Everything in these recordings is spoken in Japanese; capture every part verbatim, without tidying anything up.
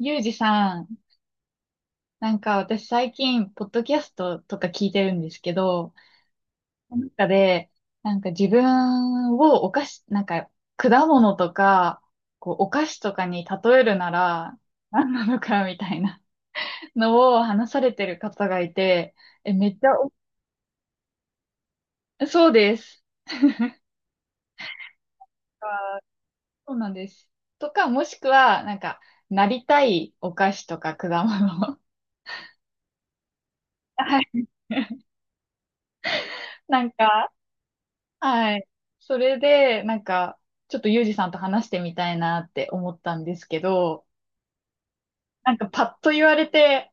ゆうじさん、なんか私最近、ポッドキャストとか聞いてるんですけど、その中で、なんか自分をお菓子、なんか果物とか、こうお菓子とかに例えるなら、何なのかみたいなのを話されてる方がいて、え、めっちゃお、そうです。あーそうなんです。とか、もしくは、なんか、なりたいお菓子とか果物。はい。なんか、はい。それで、なんか、ちょっとユージさんと話してみたいなって思ったんですけど、なんかパッと言われて、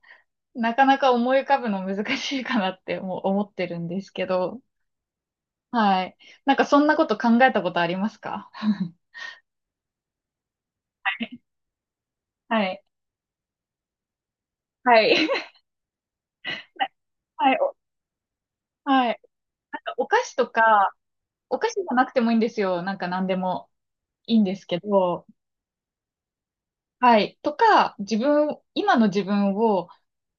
なかなか思い浮かぶの難しいかなってもう思ってるんですけど、はい。なんかそんなこと考えたことありますか？ はい。はい。はい。おはい。なんかお菓子とか、お菓子じゃなくてもいいんですよ。なんか何でもいいんですけど、はい。とか、自分、今の自分を、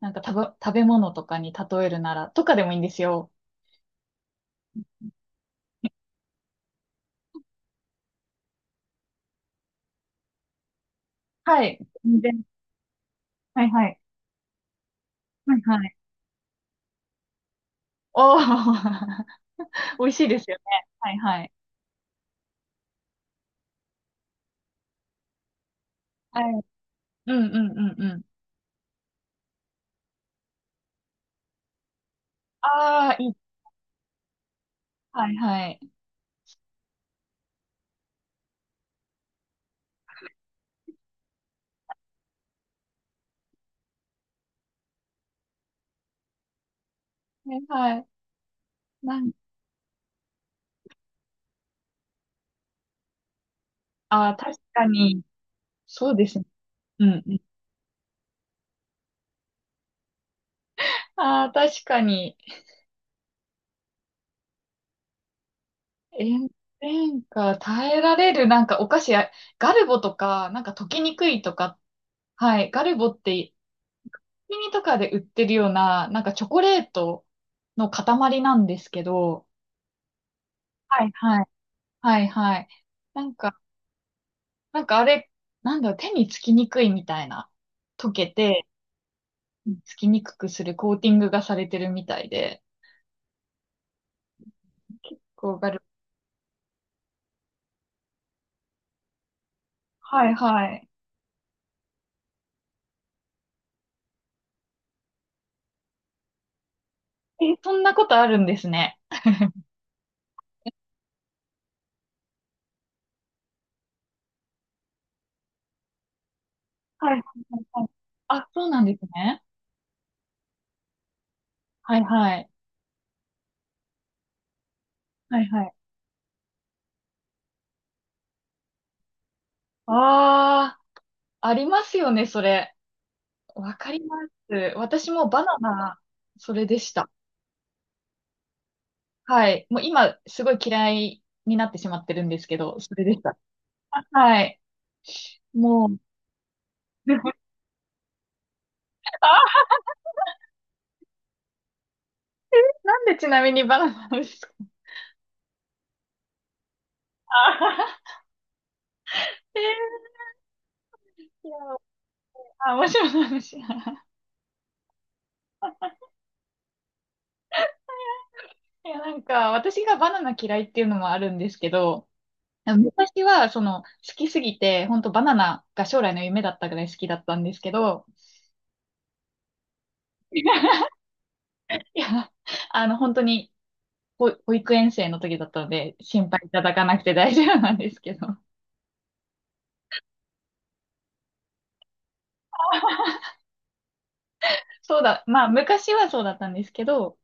なんか食べ、食べ物とかに例えるなら、とかでもいいんですよ。はい。全然。はいはい。はいはい。おー、美味しいですよね。はいはい。はい。うんうんうんうん。ああ、いい。はいはい。はいはい。なん、ああ、確かに。そうですね。うんうん。ああ、確かに。炎天下耐えられる、なんかお菓子や、ガルボとか、なんか溶けにくいとか、はい。ガルボってコンビニとかで売ってるような、なんかチョコレートの塊なんですけど、はいはい。はいはい。なんか、なんかあれ、なんだろう、手につきにくいみたいな、溶けて、つきにくくするコーティングがされてるみたいで、結構がる。はいはい。え、そんなことあるんですね。はいはいはいはい。あ、そうなんですね。はいはい。はいはい。ああ、ありますよね、それ。わかります。私もバナナ、それでした。はい。もう今、すごい嫌いになってしまってるんですけど、それでした。はい。もう、あ、なんでちなみにバナナなんですか？あー えーいや、あ、面白い話。いや、なんか、私がバナナ嫌いっていうのもあるんですけど、昔は、その、好きすぎて、本当バナナが将来の夢だったぐらい好きだったんですけど、いや、あの、本当に、保保育園生の時だったので、心配いただかなくて大丈夫なんですけど。そうだ、まあ、昔はそうだったんですけど、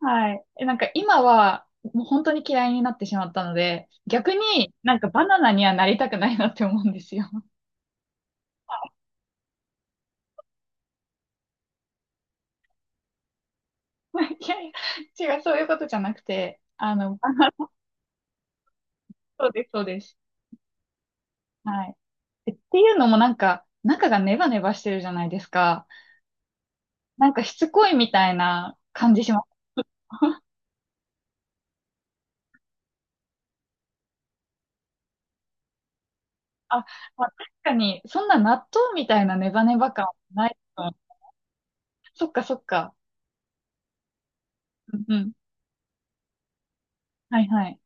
はい。えなんか今は、もう本当に嫌いになってしまったので、逆になんかバナナにはなりたくないなって思うんですよ。いやいや、違う、そういうことじゃなくて、あの、あ、そうです、そうです。はい。えっていうのもなんか、中がネバネバしてるじゃないですか。なんかしつこいみたいな感じします。あ、まあ、確かに、そんな納豆みたいなネバネバ感はないかそっかそっか。うんうん。はいはい。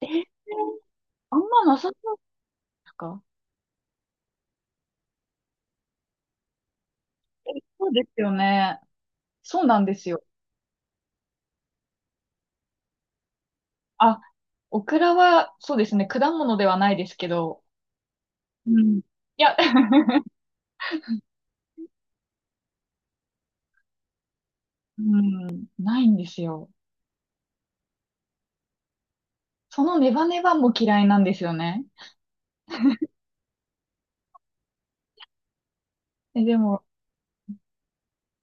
えーあんまなさそうですかえ、そうですよね。そうなんですよ。あ、オクラは、そうですね、果物ではないですけど、うん。いや、うん、ないんですよ。そのネバネバも嫌いなんですよね。え、でも、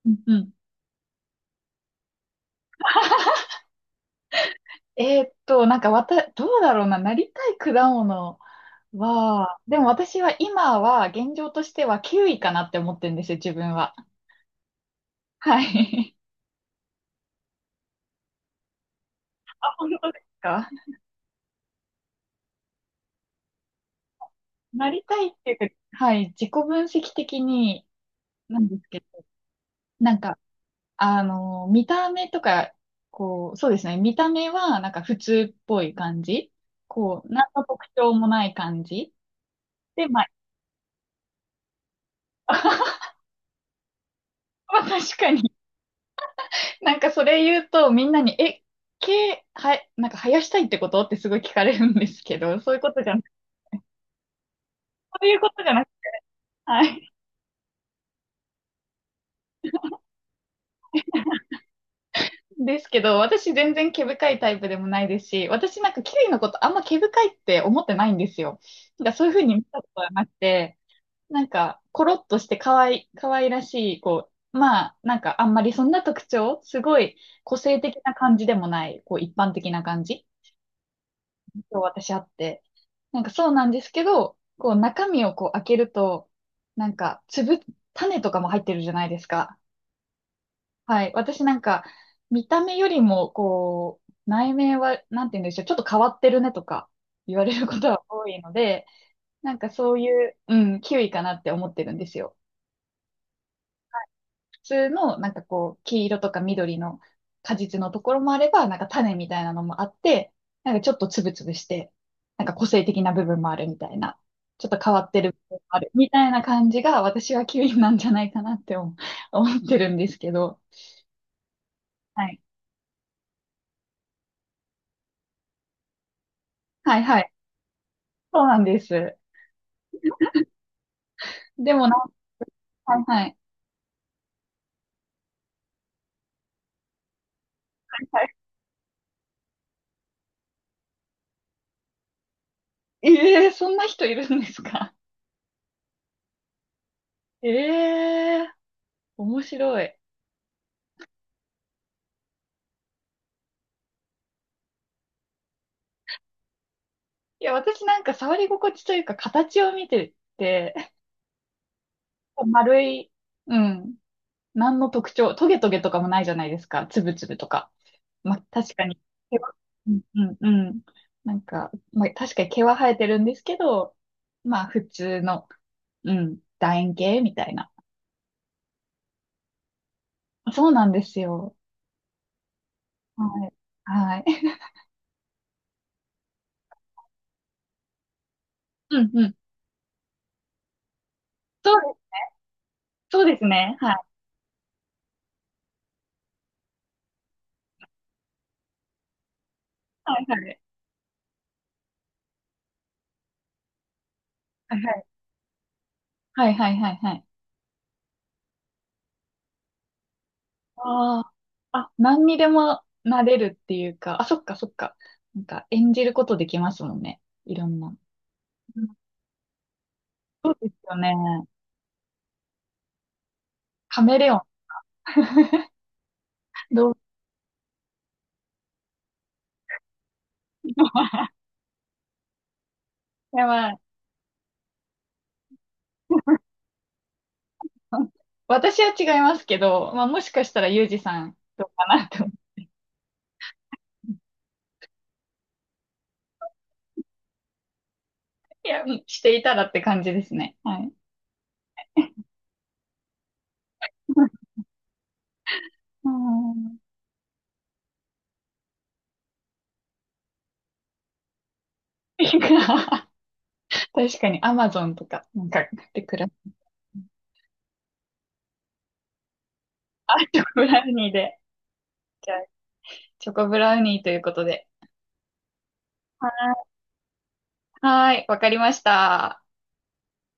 うんうん。えーっと、なんかわた、どうだろうな、なりたい果物。わあ、でも私は今は現状としてはきゅういかなって思ってるんですよ、自分は。はい。あ、本当ですか？なりたいっていうか、はい、自己分析的になんですけど、なんか、あの、見た目とか、こう、そうですね、見た目はなんか普通っぽい感じ。こう、何の特徴もない感じ。で、まあ、まあ確かに、なんかそれ言うとみんなに、え、毛、は、なんか生やしたいってことってすごい聞かれるんですけど、そういうことじゃそういうことじゃなくて、はい。ですけど、私全然毛深いタイプでもないですし、私なんかキウイのことあんま毛深いって思ってないんですよ。なんかそういうふうに見たことはなくて、なんかコロッとして可愛い、可愛らしい、こう、まあなんかあんまりそんな特徴、すごい個性的な感じでもない、こう一般的な感じ、私あって。なんかそうなんですけど、こう中身をこう開けると、なんか粒、種とかも入ってるじゃないですか。はい。私なんか、見た目よりも、こう、内面は、なんて言うんでしょう、ちょっと変わってるねとか言われることは多いので、なんかそういう、うん、キウイかなって思ってるんですよ。普通の、なんかこう、黄色とか緑の果実のところもあれば、なんか種みたいなのもあって、なんかちょっとつぶつぶして、なんか個性的な部分もあるみたいな、ちょっと変わってる部分もあるみたいな感じが、私はキウイなんじゃないかなって思思ってるんですけど、はい。はいはい。そうなんです。でもなんか、はいはい。ええそんな人いるんですか？ええ面白い。いや、私なんか触り心地というか形を見てて、丸い、うん、何の特徴、トゲトゲとかもないじゃないですか。つぶつぶとか。まあ、確かに、毛はうんうんうん。なんか、まあ、確かに毛は生えてるんですけど、まあ、普通の、うん、楕円形みたいな。そうなんですよ。はい。はい。うんうん。そう、そうですね。はい。はいはい。はいはい。はいはいはいはいはいはいはいああ。あ、何にでもなれるっていうか、あ、そっかそっか。なんか演じることできますもんね。いろんな。うんそうですよね。カメレオン。どういやまあ、私は違いますけど、まあもしかしたらユージさんどうかなと。いや、していたらって感じですね。はい。うん。確かにアマゾンとか、なんか、で、暮らす。あ、ちょブラウニーで。チョコブラウニーということで。はーい、わかりました。